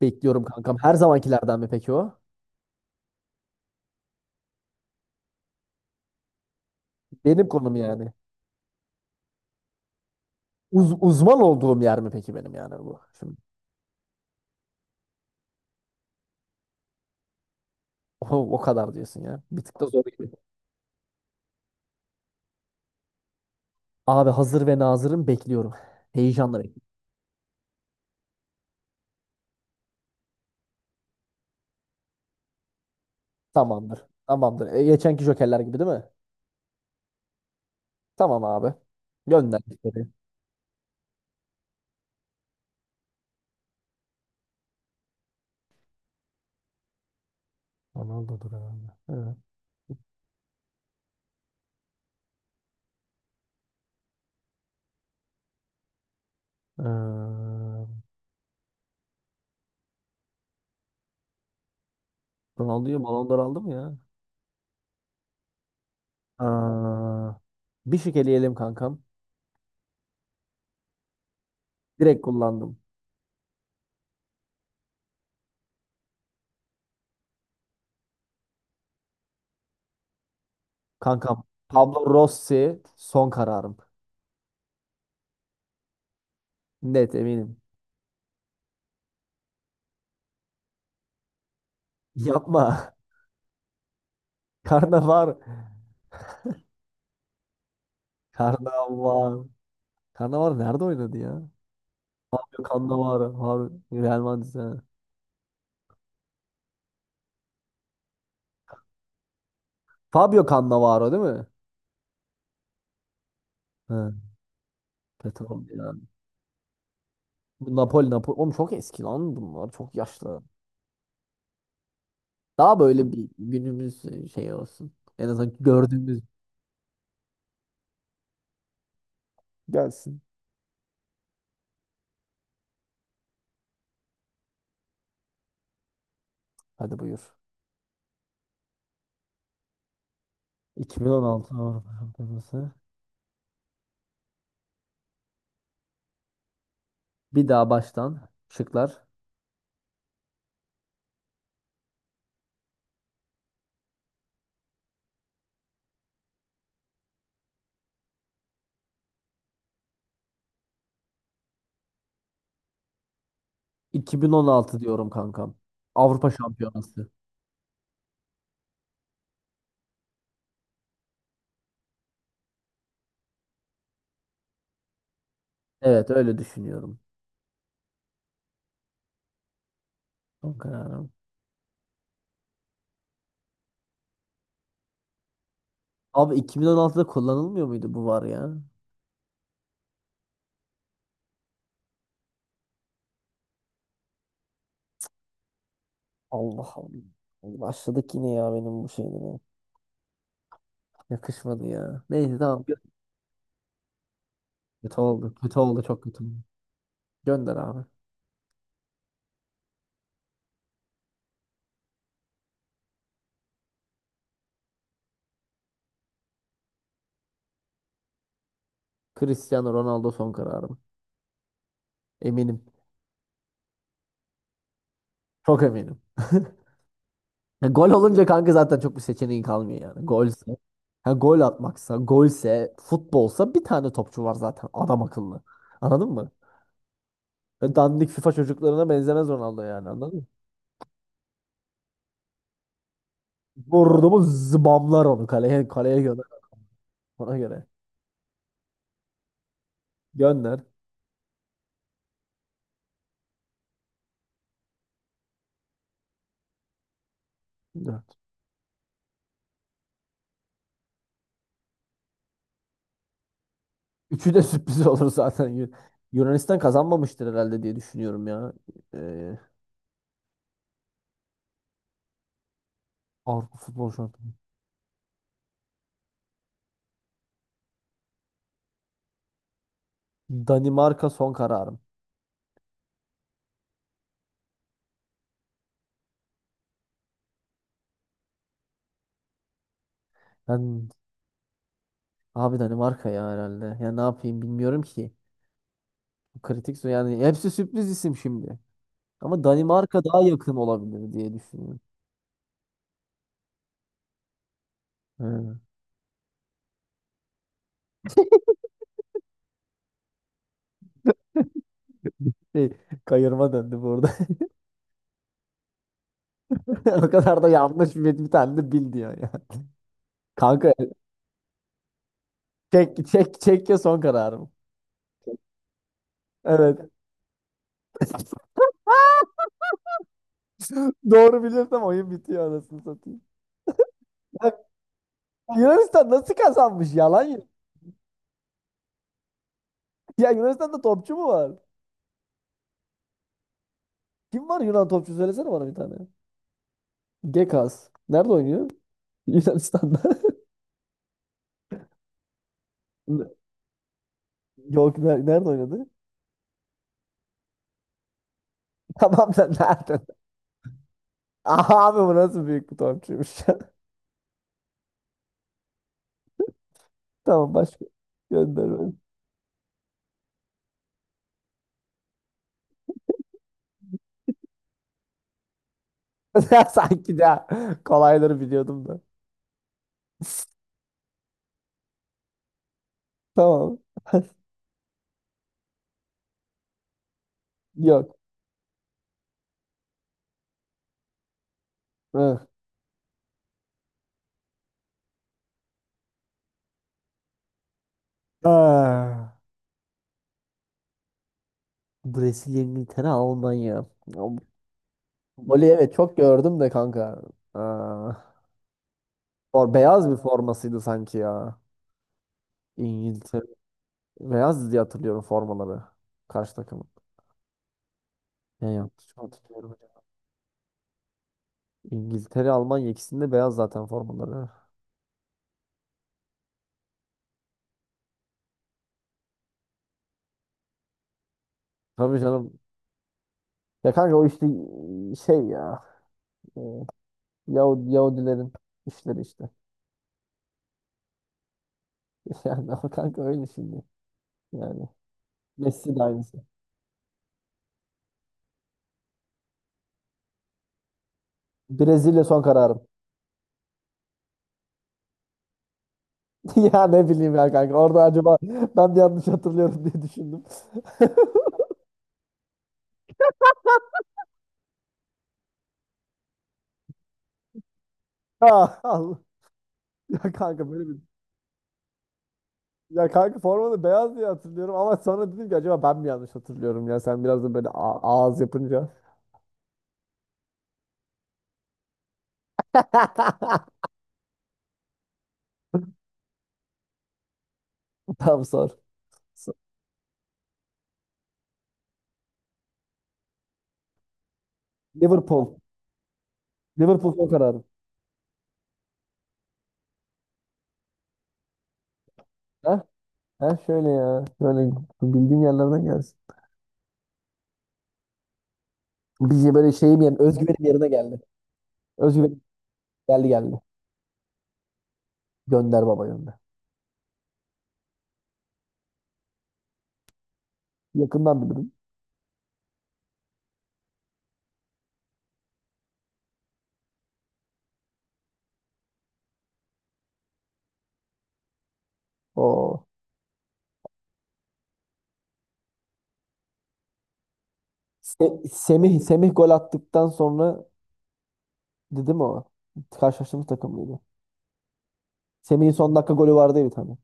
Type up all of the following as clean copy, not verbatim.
Bekliyorum kankam. Her zamankilerden mi peki o? Benim konum yani. Uzman olduğum yer mi peki benim yani bu? Şimdi. o, o kadar diyorsun ya. Bir tık da zor gibi. Abi hazır ve nazırım bekliyorum. Heyecanla bekliyorum. Tamamdır. Tamamdır. Geçenki jokerler gibi değil mi? Tamam abi. Gönder içeri. Ronaldo'dur herhalde. Evet. Ee, Ronaldo'yu Ballon d'Or aldı mı ya? Aa, Bir şık eleyelim kankam. Direkt kullandım. Kankam. Pablo Rossi son kararım. Net eminim. Yapma. Karnavar. Karnavar. Karnavar nerede oynadı ya? Fabio Cannavaro. Real Madrid'de, ha. Fabio Cannavaro değil mi? Ha. Petrol ya. Bu Napoli Napoli. Oğlum çok eski lan bunlar. Çok yaşlı. Daha böyle bir günümüz şey olsun. En azından gördüğümüz gelsin. Hadi buyur. 2016 Avrupa Şampiyonası. Bir daha baştan şıklar. 2016 diyorum kankam. Avrupa Şampiyonası. Evet, öyle düşünüyorum. Son kararım. Abi, 2016'da kullanılmıyor muydu bu var ya? Allah Allah. Başladık yine ya benim bu şeyime. Yakışmadı ya. Neyse tamam. Kötü oldu. Kötü oldu. Çok kötü oldu. Gönder abi. Cristiano Ronaldo son kararım. Eminim. Çok eminim. Ya gol olunca kanka zaten çok bir seçeneğin kalmıyor yani. Golse. Ha, gol atmaksa, golse, futbolsa bir tane topçu var zaten. Adam akıllı. Anladın mı? Ve dandik FIFA çocuklarına benzemez Ronaldo, yani anladın mı? Vurdu mu zıbamlar onu kaleye, kaleye göre. Ona göre. Gönder. Evet. Üçü de sürpriz olur zaten. Yunanistan kazanmamıştır herhalde diye düşünüyorum ya. Ee, Avrupa Futbol Şampiyonu. Danimarka son kararım. Ben abi, Danimarka ya herhalde. Ya ne yapayım, bilmiyorum ki. Yani hepsi sürpriz isim şimdi. Ama Danimarka daha yakın olabilir diye düşünüyorum. Hı. Şey, kayırma döndü burada. O kadar da yanlış bir tane de bil diyor ya. Kanka, Çekya son kararım. Evet. Doğru bilirsem oyun bitiyor, anasını satayım. Ya, Yunanistan nasıl kazanmış, yalan ya. Ya Yunanistan'da topçu mu var? Kim var Yunan topçu, söylesene bana bir tane. Gekas. Nerede oynuyor? Yunanistan'da. Ne- Yok, nerede oynadı? Tamam da nerede? Aha abi, bu nasıl büyük bir topçuymuş ya. Tamam, başka gönder beni. Ya sanki de kolayları biliyordum da. Tamam. Yok. Hı. Ah. Brezilya, İngiltere, Almanya. Voli evet, çok gördüm de kanka. Aa, Beyaz bir formasıydı sanki ya. İngiltere. Beyaz diye hatırlıyorum formaları. Karşı takımın. Ne, yanlış mı hatırlıyorum acaba? İngiltere, Almanya ikisinde beyaz zaten formaları. Tabii canım. Ya kanka, o işte şey ya. e, Yahudi, Yahudilerin işleri işte. Yani ama kanka, öyle şimdi. Yani Messi de aynısı. Brezilya son kararım. Ya ne bileyim ya kanka. Orada acaba ben de yanlış hatırlıyorum diye düşündüm. Ya Allah. Ya kanka böyle bir ya kanka formanı beyaz diye hatırlıyorum ama sonra dedim ki acaba ben mi yanlış hatırlıyorum, ya sen biraz da böyle ağız yapınca. Tamam, sor. Sor. Liverpool. Liverpool son kararım. Ha? Ha şöyle ya. Böyle bildiğim yerlerden gelsin. Bizi böyle şeyim, yani özgüvenim yerine geldi. Özgüvenim geldi geldi. Gönder baba gönder. Yakından bilirim. O Semih gol attıktan sonra dedi mi o? Karşılaştığımız takım mıydı? Semih'in son dakika golü vardı ya bir tane.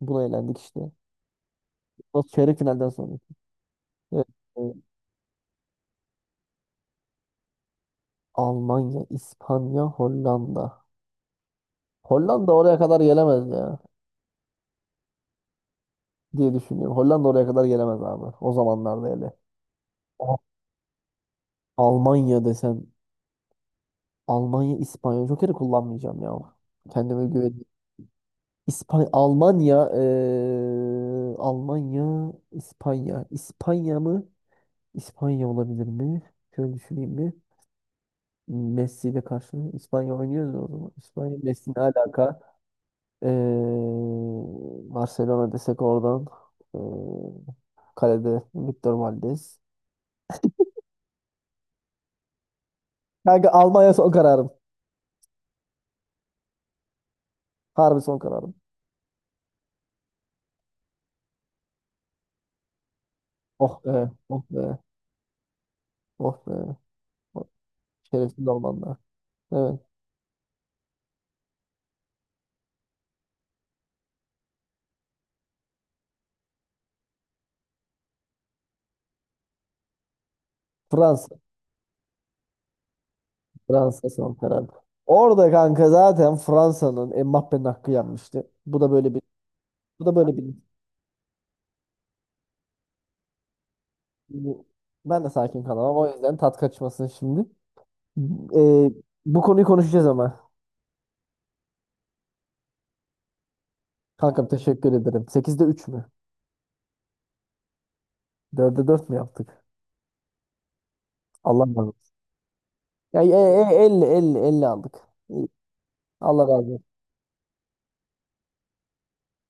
Buna elendik işte. O çeyrek finalden sonra. Evet, e, Almanya, İspanya, Hollanda. Hollanda oraya kadar gelemez ya diye düşünüyorum. Hollanda oraya kadar gelemez abi. O zamanlarda hele. Ama Almanya desem, Almanya, İspanya. Joker'i kullanmayacağım ya. Kendime güveniyorum. İspanya, Almanya, Almanya, İspanya. İspanya mı? İspanya olabilir mi? Şöyle düşüneyim bir. Messi ile karşı İspanya oynuyoruz o zaman. İspanya, Messi ne alaka? Ee, Barcelona desek oradan. Ee, Kalede Victor Valdez. Kanka, Almanya son kararım. Harbi son kararım. Oh be. Oh be. Oh be. Oh, şerefsiz Almanlar. Evet. Fransa. Fransa son karar. Orada kanka zaten Fransa'nın, Mbappé'nin hakkı yenmişti. Bu da böyle bir bu da böyle bir Ben de sakin kalamam. O yüzden tat kaçmasın şimdi. Ee, Bu konuyu konuşacağız ama. Kankam teşekkür ederim. Sekizde 3 mü? Dörde 4 mü yaptık? Allah razı olsun. Ya, 50 50 50 aldık. İyi. Allah razı olsun.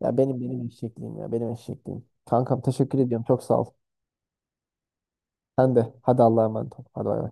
Ya benim eşekliğim, ya benim eşekliğim. Kankam teşekkür ediyorum. Çok sağ ol. Sen de. Hadi Allah'a emanet ol. Hadi bay bay.